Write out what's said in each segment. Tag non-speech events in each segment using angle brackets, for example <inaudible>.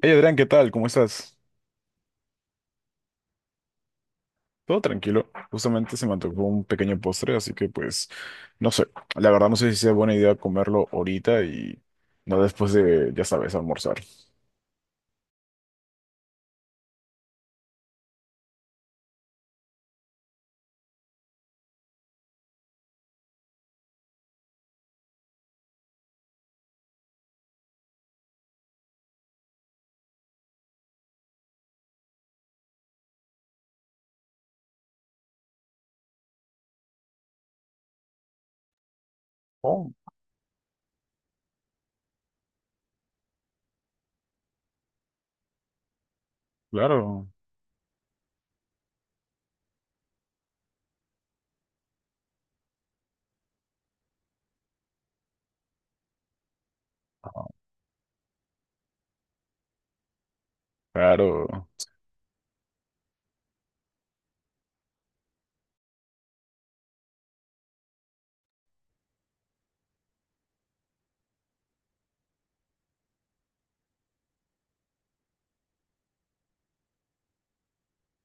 Hey Adrián, ¿qué tal? ¿Cómo estás? Todo tranquilo. Justamente se me antojó un pequeño postre, así que pues no sé. La verdad no sé si sea buena idea comerlo ahorita y no después de, ya sabes, almorzar. Oh, claro, claro.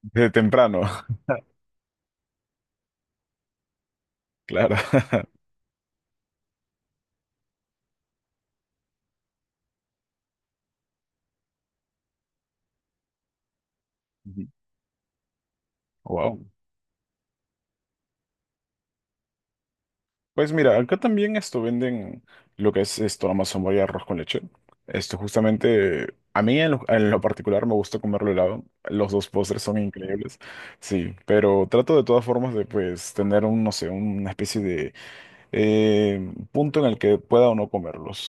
Desde temprano, <laughs> claro. <laughs> Wow. Pues mira, acá también esto venden lo que es esto, la mazamorra y arroz con leche. Esto justamente, a mí en lo particular me gusta comerlo helado. Los dos postres son increíbles, sí, pero trato de todas formas de pues tener un, no sé, una especie de eh, punto en el que pueda o no comerlos.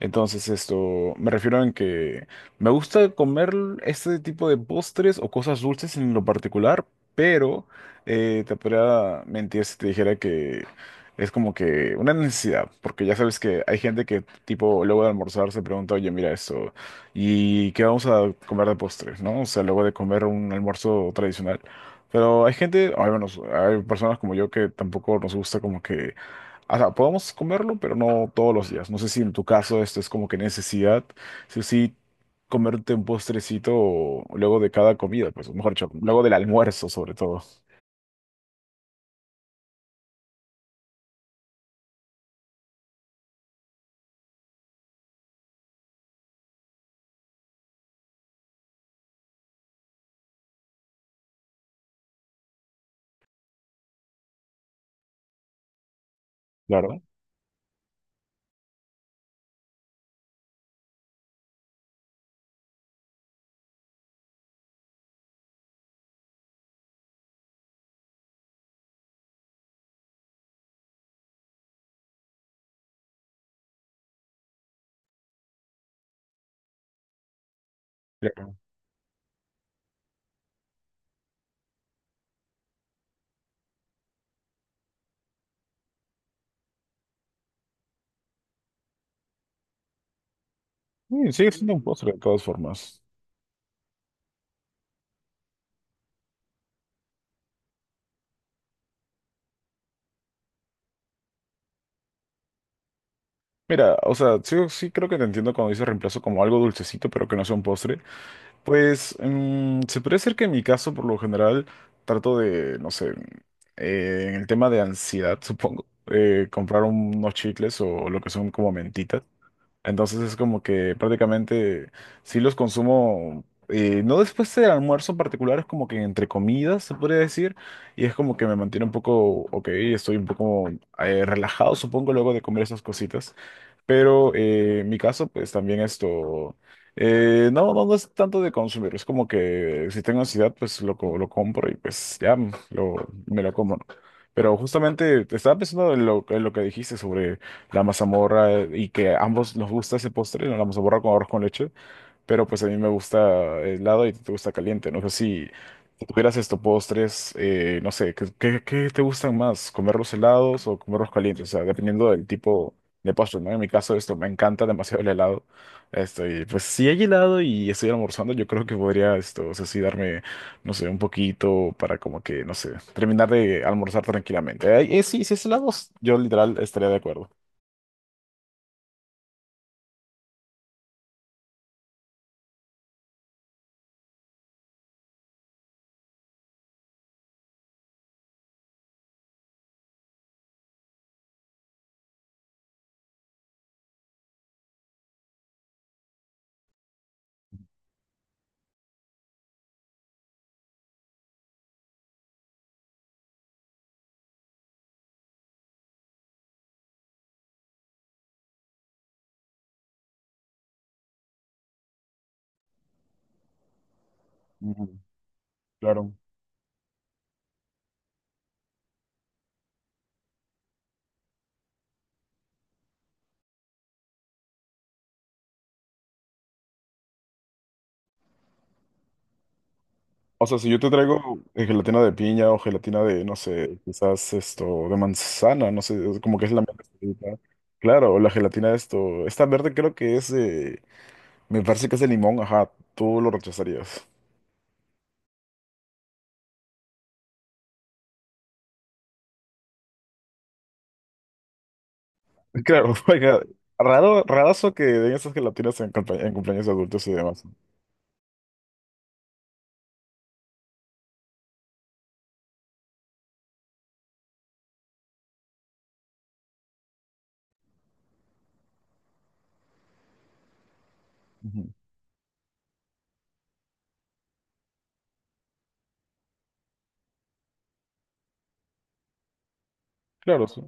Entonces, esto, me refiero en que me gusta comer este tipo de postres o cosas dulces en lo particular, pero te podría mentir si te dijera que es como que una necesidad, porque ya sabes que hay gente que, tipo, luego de almorzar se pregunta, oye, mira esto, ¿y qué vamos a comer de postre? ¿No? O sea, luego de comer un almuerzo tradicional. Pero hay gente, o al menos hay personas como yo que tampoco nos gusta como que o sea, podemos comerlo, pero no todos los días. No sé si en tu caso esto es como que necesidad, sí o sí, comerte un postrecito luego de cada comida, pues, o mejor dicho, luego del almuerzo, sobre todo. Claro. Ya. Sí, sigue siendo un postre de todas formas. Mira, o sea, sí, creo que te entiendo cuando dices reemplazo como algo dulcecito, pero que no sea un postre. Pues se puede ser que en mi caso, por lo general, trato de, no sé, en el tema de ansiedad, <laughs> supongo, comprar unos chicles o lo que son como mentitas. Entonces es como que prácticamente sí los consumo, no después del almuerzo en particular, es como que entre comidas se podría decir, y es como que me mantiene un poco, ok, estoy un poco relajado, supongo, luego de comer esas cositas. Pero en mi caso, pues también esto, no es tanto de consumir, es como que si tengo ansiedad, pues lo, lo compro y pues ya lo, me lo como. ¿No? Pero justamente te estaba pensando en lo que dijiste sobre la mazamorra y que a ambos nos gusta ese postre, ¿no? La mazamorra con arroz con leche. Pero pues a mí me gusta helado y te gusta caliente. No sé si, si tuvieras estos postres, no sé, ¿qué, qué te gustan más? ¿Comerlos helados o comerlos calientes? O sea, dependiendo del tipo de postre, ¿no? En mi caso, esto me encanta demasiado el helado. Esto, y pues si hay helado y estoy almorzando, yo creo que podría esto, o sea, sí darme, no sé, un poquito para como que, no sé, terminar de almorzar tranquilamente. Sí, si es helados, yo literal estaría de acuerdo. Ujú. Claro. O sea, si yo te traigo gelatina de piña o gelatina de, no sé, quizás esto, de manzana, no sé, es como que es la mezcla favorita. Claro, o la gelatina de esto, esta verde creo que es, me parece que es de limón, ajá, tú lo rechazarías. Claro, <laughs> oiga, raro, rarazo que den esas gelatinas en, en cumpleaños de adultos y demás. Ujú. Claro, sí.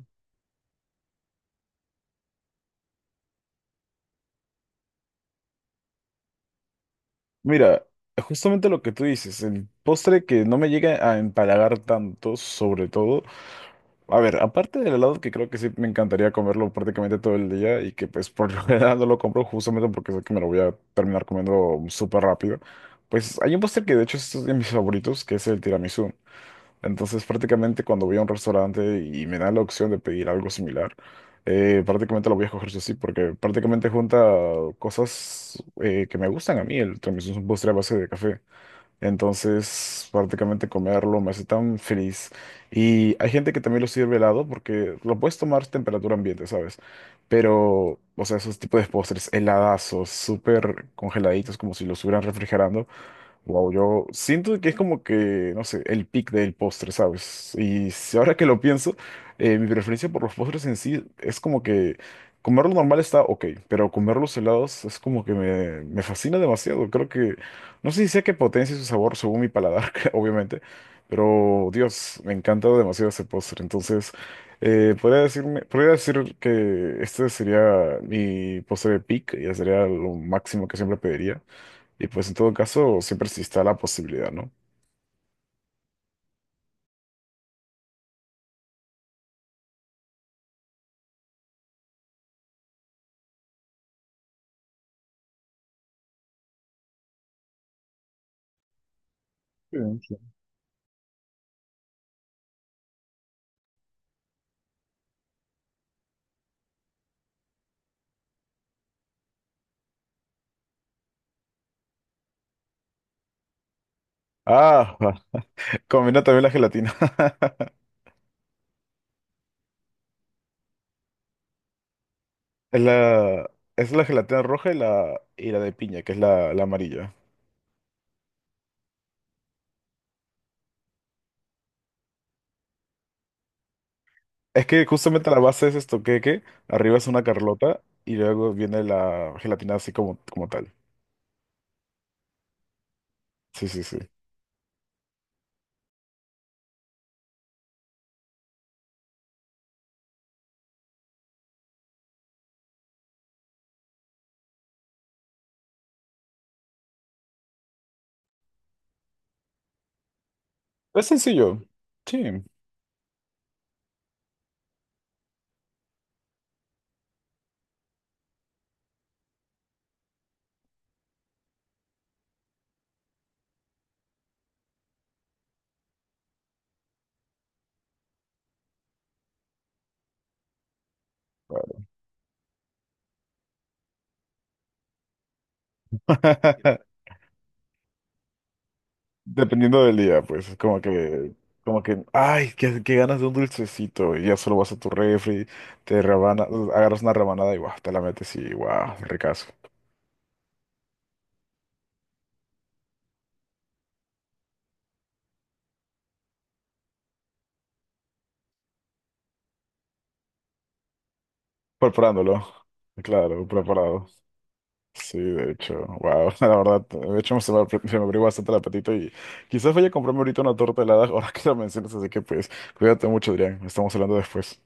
Mira, justamente lo que tú dices, el postre que no me llega a empalagar tanto, sobre todo. A ver, aparte del helado que creo que sí me encantaría comerlo prácticamente todo el día y que pues por <laughs> lo general no lo compro justamente porque sé que me lo voy a terminar comiendo súper rápido, pues hay un postre que de hecho es de mis favoritos que es el tiramisú. Entonces prácticamente cuando voy a un restaurante y me da la opción de pedir algo similar, prácticamente lo voy a coger yo sí porque prácticamente junta cosas que me gustan a mí. El tiramisú es un postre a base de café. Entonces, prácticamente comerlo me hace tan feliz. Y hay gente que también lo sirve helado porque lo puedes tomar a temperatura ambiente, ¿sabes? Pero, o sea, esos tipos de postres heladazos, súper congeladitos, como si los estuvieran refrigerando. Wow, yo siento que es como que, no sé, el pic del postre, ¿sabes? Y si ahora que lo pienso, mi preferencia por los postres en sí es como que comerlo normal está ok, pero comer los helados es como que me fascina demasiado. Creo que, no sé si sea que potencia su sabor según mi paladar, <laughs> que obviamente, pero Dios, me encanta demasiado ese postre. Entonces, podría decirme, podría decir que este sería mi postre de pic, ya sería lo máximo que siempre pediría. Y pues en todo caso, siempre está la posibilidad, ¿no? Sí, sí. Ah, va. Combina también la gelatina. <laughs> Es la, es la gelatina roja y la de piña, que es la, la amarilla. Es que justamente la base es esto queque, arriba es una carlota y luego viene la gelatina así como, como tal. Sí. Es sencillo. Sí. <laughs> Dependiendo del día, pues, es como que, ay, qué, qué ganas de un dulcecito, y ya solo vas a tu refri, te rebana, agarras una rebanada y guau, te la metes y guau, ricazo. Preparándolo, claro, preparado. Sí, de hecho, wow, <laughs> la verdad, de hecho se me, se me abrió bastante el apetito y quizás vaya a comprarme ahorita una torta helada <laughs> ahora que la mencionas, así que pues, cuídate mucho, Adrián, estamos hablando después.